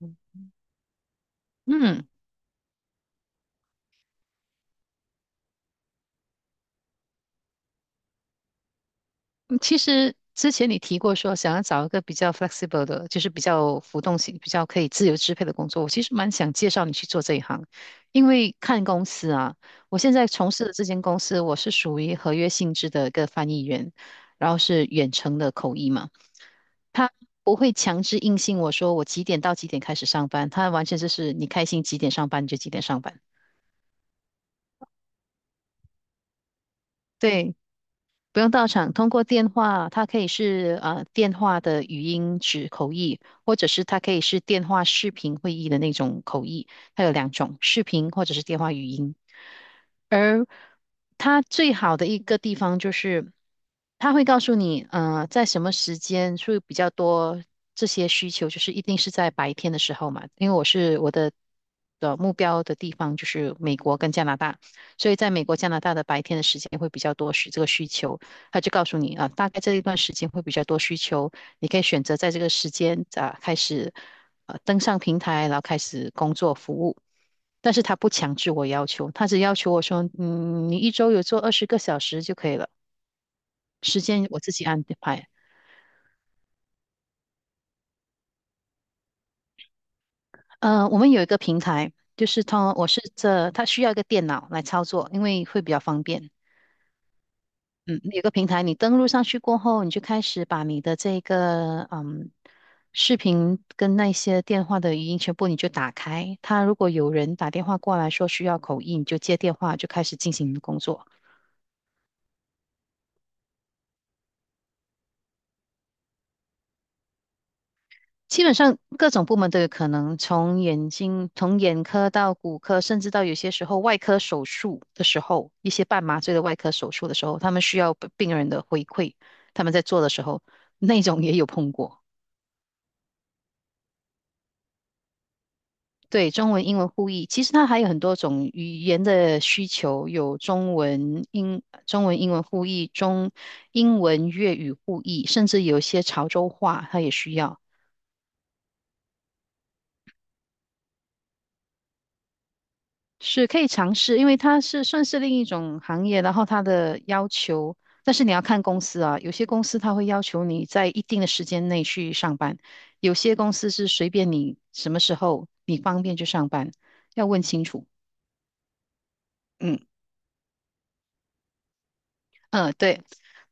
嗯，嗯其实之前你提过说想要找一个比较 flexible 的，就是比较浮动性、比较可以自由支配的工作。我其实蛮想介绍你去做这一行，因为看公司啊，我现在从事的这间公司，我是属于合约性质的一个翻译员，然后是远程的口译嘛。他不会强制硬性我说我几点到几点开始上班，他完全就是你开心几点上班你就几点上班。对，不用到场，通过电话，它可以是电话的语音指口译，或者是它可以是电话视频会议的那种口译，它有两种，视频或者是电话语音。而它最好的一个地方就是，它会告诉你，在什么时间会比较多这些需求，就是一定是在白天的时候嘛，因为我的目标的地方就是美国跟加拿大。所以在美国、加拿大的白天的时间会比较多这个需求，他就告诉你啊，大概这一段时间会比较多需求，你可以选择在这个时间啊开始登上平台，然后开始工作服务。但是他不强制我要求，他只要求我说，嗯，你一周有做20个小时就可以了，时间我自己安排。我们有一个平台，就是他我是这，他需要一个电脑来操作，因为会比较方便。嗯，有个平台，你登录上去过后，你就开始把你的这个视频跟那些电话的语音全部你就打开。他如果有人打电话过来说需要口译，你就接电话，就开始进行你的工作。基本上各种部门都有可能，从眼睛、从眼科到骨科，甚至到有些时候外科手术的时候，一些半麻醉的外科手术的时候，他们需要病人的回馈，他们在做的时候，那种也有碰过。对，中文、英文互译，其实它还有很多种语言的需求，有中文、英文互译，中英文、粤语互译，甚至有一些潮州话，它也需要，是可以尝试，因为它是算是另一种行业，然后它的要求，但是你要看公司啊，有些公司它会要求你在一定的时间内去上班，有些公司是随便你什么时候你方便就上班，要问清楚。嗯。嗯，对。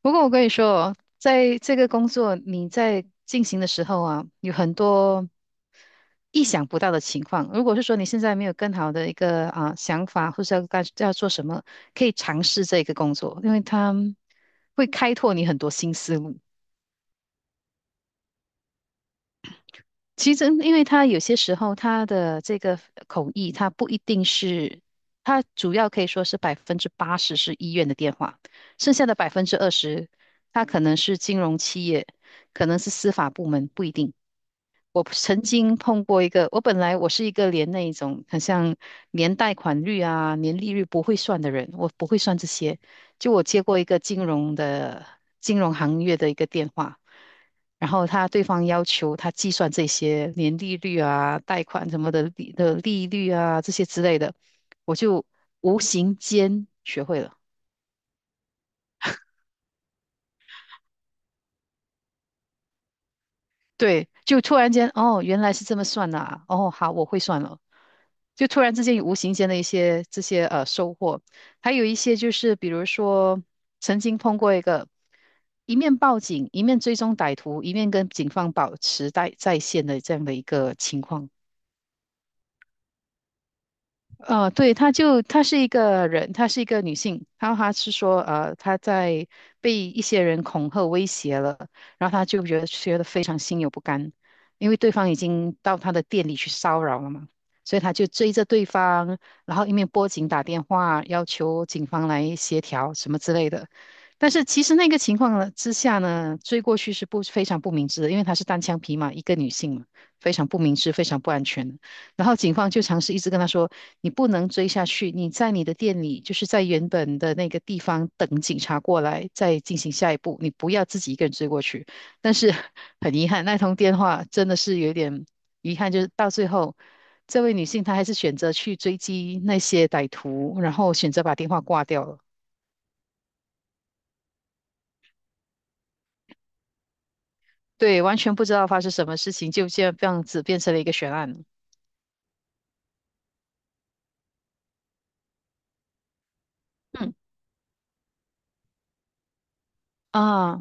不过我跟你说哦，在这个工作你在进行的时候啊，有很多意想不到的情况。如果是说你现在没有更好的一个啊想法，或是要做什么，可以尝试这个工作，因为它会开拓你很多新思路。其实，因为他有些时候他的这个口译，他不一定是，他主要可以说是80%是医院的电话，剩下的20%，它可能是金融企业，可能是司法部门，不一定。我曾经碰过一个，我本来我是一个连那一种很像连贷款率啊、年利率不会算的人，我不会算这些。就我接过一个金融行业的一个电话，然后他对方要求他计算这些年利率啊、贷款什么的利率啊这些之类的，我就无形间学会了。对，就突然间哦，原来是这么算的啊哦，好，我会算了。就突然之间有无形间的一些这些收获，还有一些就是比如说曾经碰过一个一面报警，一面追踪歹徒，一面跟警方保持在线的这样的一个情况。对，她是一个人，她是一个女性，然后她是说，她在被一些人恐吓威胁了，然后她就觉得非常心有不甘，因为对方已经到她的店里去骚扰了嘛，所以她就追着对方，然后一面拨警打电话要求警方来协调什么之类的，但是其实那个情况呢之下呢，追过去是不非常不明智的，因为她是单枪匹马一个女性嘛，非常不明智，非常不安全的。然后警方就尝试一直跟他说：“你不能追下去，你在你的店里，就是在原本的那个地方等警察过来，再进行下一步。你不要自己一个人追过去。”但是很遗憾，那通电话真的是有点遗憾，就是到最后，这位女性她还是选择去追击那些歹徒，然后选择把电话挂掉了。对，完全不知道发生什么事情，就这样子变成了一个悬案。嗯啊。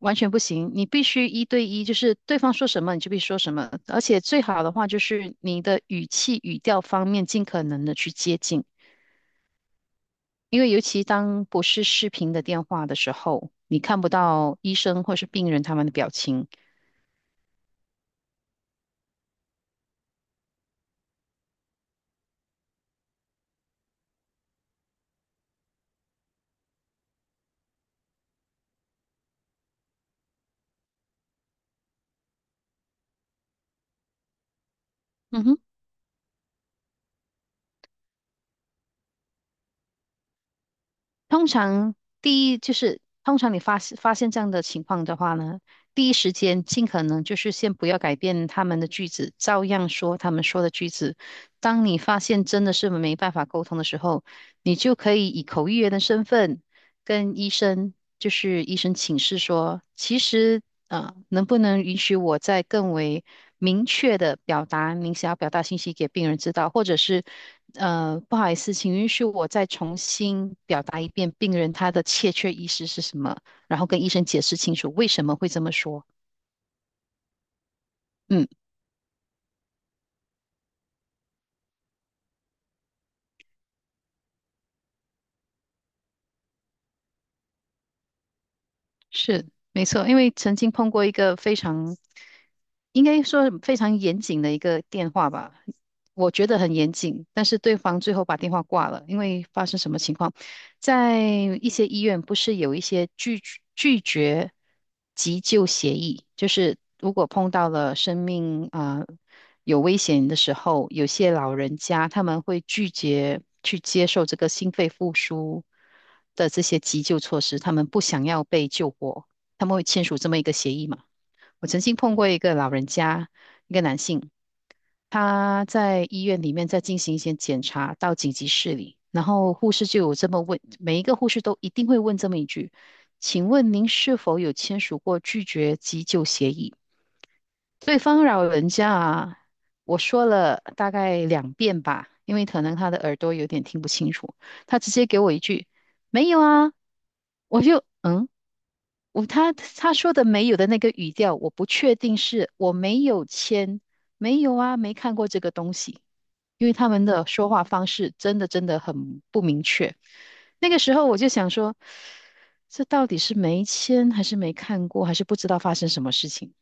完全不行，你必须一对一，就是对方说什么你就必须说什么，而且最好的话就是你的语气、语调方面尽可能的去接近，因为尤其当不是视频的电话的时候，你看不到医生或是病人他们的表情。嗯哼。通常第一就是，通常你发现这样的情况的话呢，第一时间尽可能就是先不要改变他们的句子，照样说他们说的句子。当你发现真的是没办法沟通的时候，你就可以以口译员的身份跟医生，就是医生请示说，其实能不能允许我再更为明确的表达您想要表达信息给病人知道，或者是不好意思，请允许我再重新表达一遍病人他的欠缺意识是什么，然后跟医生解释清楚为什么会这么说。嗯。是，没错，因为曾经碰过一个非常，应该说非常严谨的一个电话吧，我觉得很严谨，但是对方最后把电话挂了，因为发生什么情况，在一些医院不是有一些拒绝急救协议，就是如果碰到了生命啊。有危险的时候，有些老人家他们会拒绝去接受这个心肺复苏的这些急救措施，他们不想要被救活，他们会签署这么一个协议嘛？我曾经碰过一个老人家，一个男性，他在医院里面在进行一些检查，到紧急室里，然后护士就有这么问，每一个护士都一定会问这么一句：“请问您是否有签署过拒绝急救协议？”对方老人家啊，我说了大概2遍吧，因为可能他的耳朵有点听不清楚，他直接给我一句“没有啊”，我就嗯，我他说的“没有”的那个语调，我不确定是我没有签，没有啊，没看过这个东西，因为他们的说话方式真的很不明确。那个时候我就想说，这到底是没签还是没看过，还是不知道发生什么事情？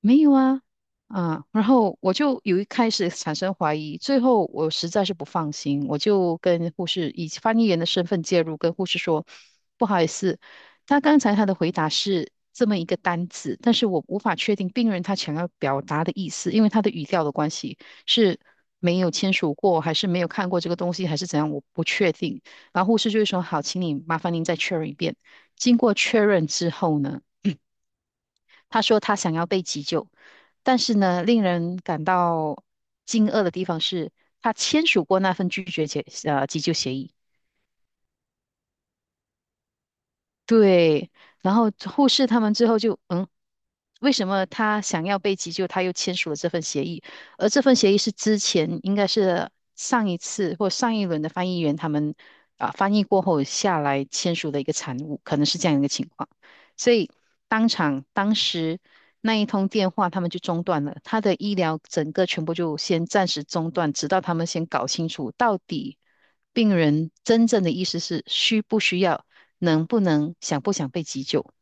没有啊，然后我就有一开始产生怀疑，最后我实在是不放心，我就跟护士以翻译员的身份介入，跟护士说，不好意思，他刚才他的回答是这么一个单字，但是我无法确定病人他想要表达的意思，因为他的语调的关系是没有签署过，还是没有看过这个东西，还是怎样，我不确定。然后护士就会说，好，请你麻烦您再确认一遍。经过确认之后呢？他说他想要被急救，但是呢，令人感到惊愕的地方是，他签署过那份拒绝急救协议。对，然后护士他们之后就为什么他想要被急救，他又签署了这份协议，而这份协议是之前应该是上一次或上一轮的翻译员他们啊翻译过后下来签署的一个产物，可能是这样一个情况。所以当场当时那一通电话他们就中断了，他的医疗整个全部就先暂时中断，直到他们先搞清楚到底病人真正的意思是需不需要，能不能想不想被急救。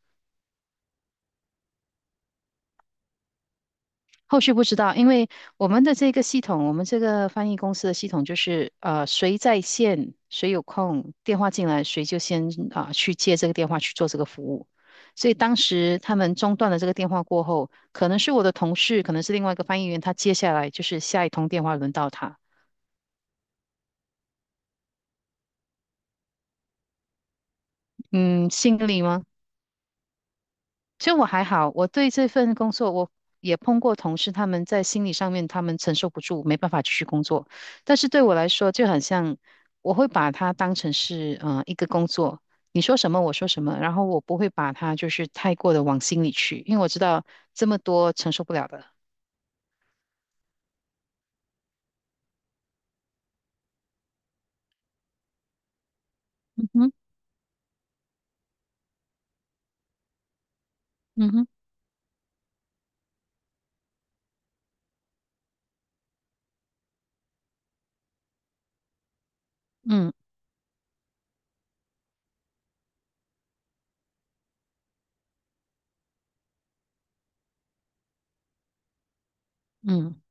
后续不知道，因为我们的这个系统，我们这个翻译公司的系统就是，谁在线，谁有空，电话进来，谁就先啊、去接这个电话去做这个服务。所以当时他们中断了这个电话过后，可能是我的同事，可能是另外一个翻译员，他接下来就是下一通电话轮到他。嗯，心理吗？其实我还好，我对这份工作，我也碰过同事，他们在心理上面他们承受不住，没办法继续工作。但是对我来说，就很像，我会把它当成是一个工作，你说什么我说什么，然后我不会把它就是太过的往心里去，因为我知道这么多承受不了的。嗯哼，嗯哼，嗯嗯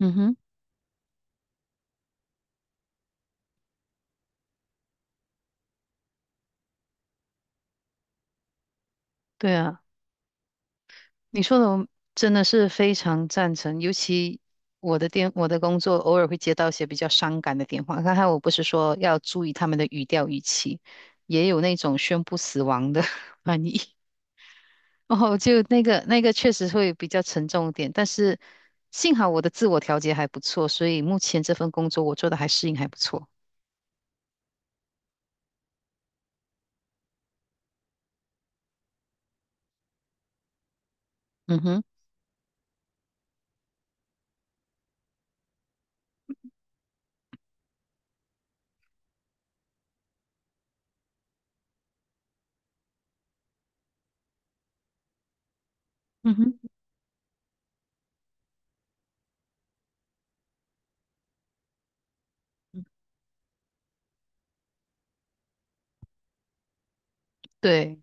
嗯哼，对啊。你说的我真的是非常赞成，尤其我的工作偶尔会接到一些比较伤感的电话。刚才我不是说要注意他们的语调语气，也有那种宣布死亡的 翻译，哦，就那个确实会比较沉重一点。但是幸好我的自我调节还不错，所以目前这份工作我做的还适应还不错。嗯哼，嗯哼，对，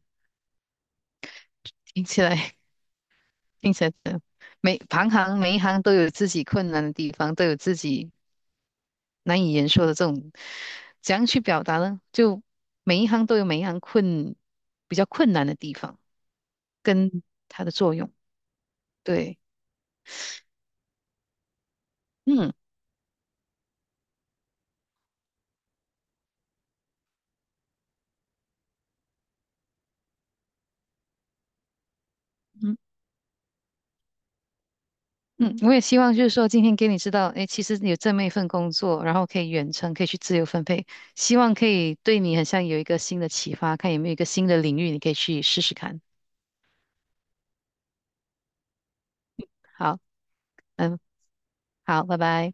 听起来 听起来真的每一行都有自己困难的地方，都有自己难以言说的这种，怎样去表达呢？就每一行都有每一行比较困难的地方，它的作用。对，嗯嗯嗯，我也希望就是说今天给你知道，哎，其实有这么一份工作，然后可以远程，可以去自由分配，希望可以对你很像有一个新的启发，看有没有一个新的领域你可以去试试看。好，嗯，好，拜拜。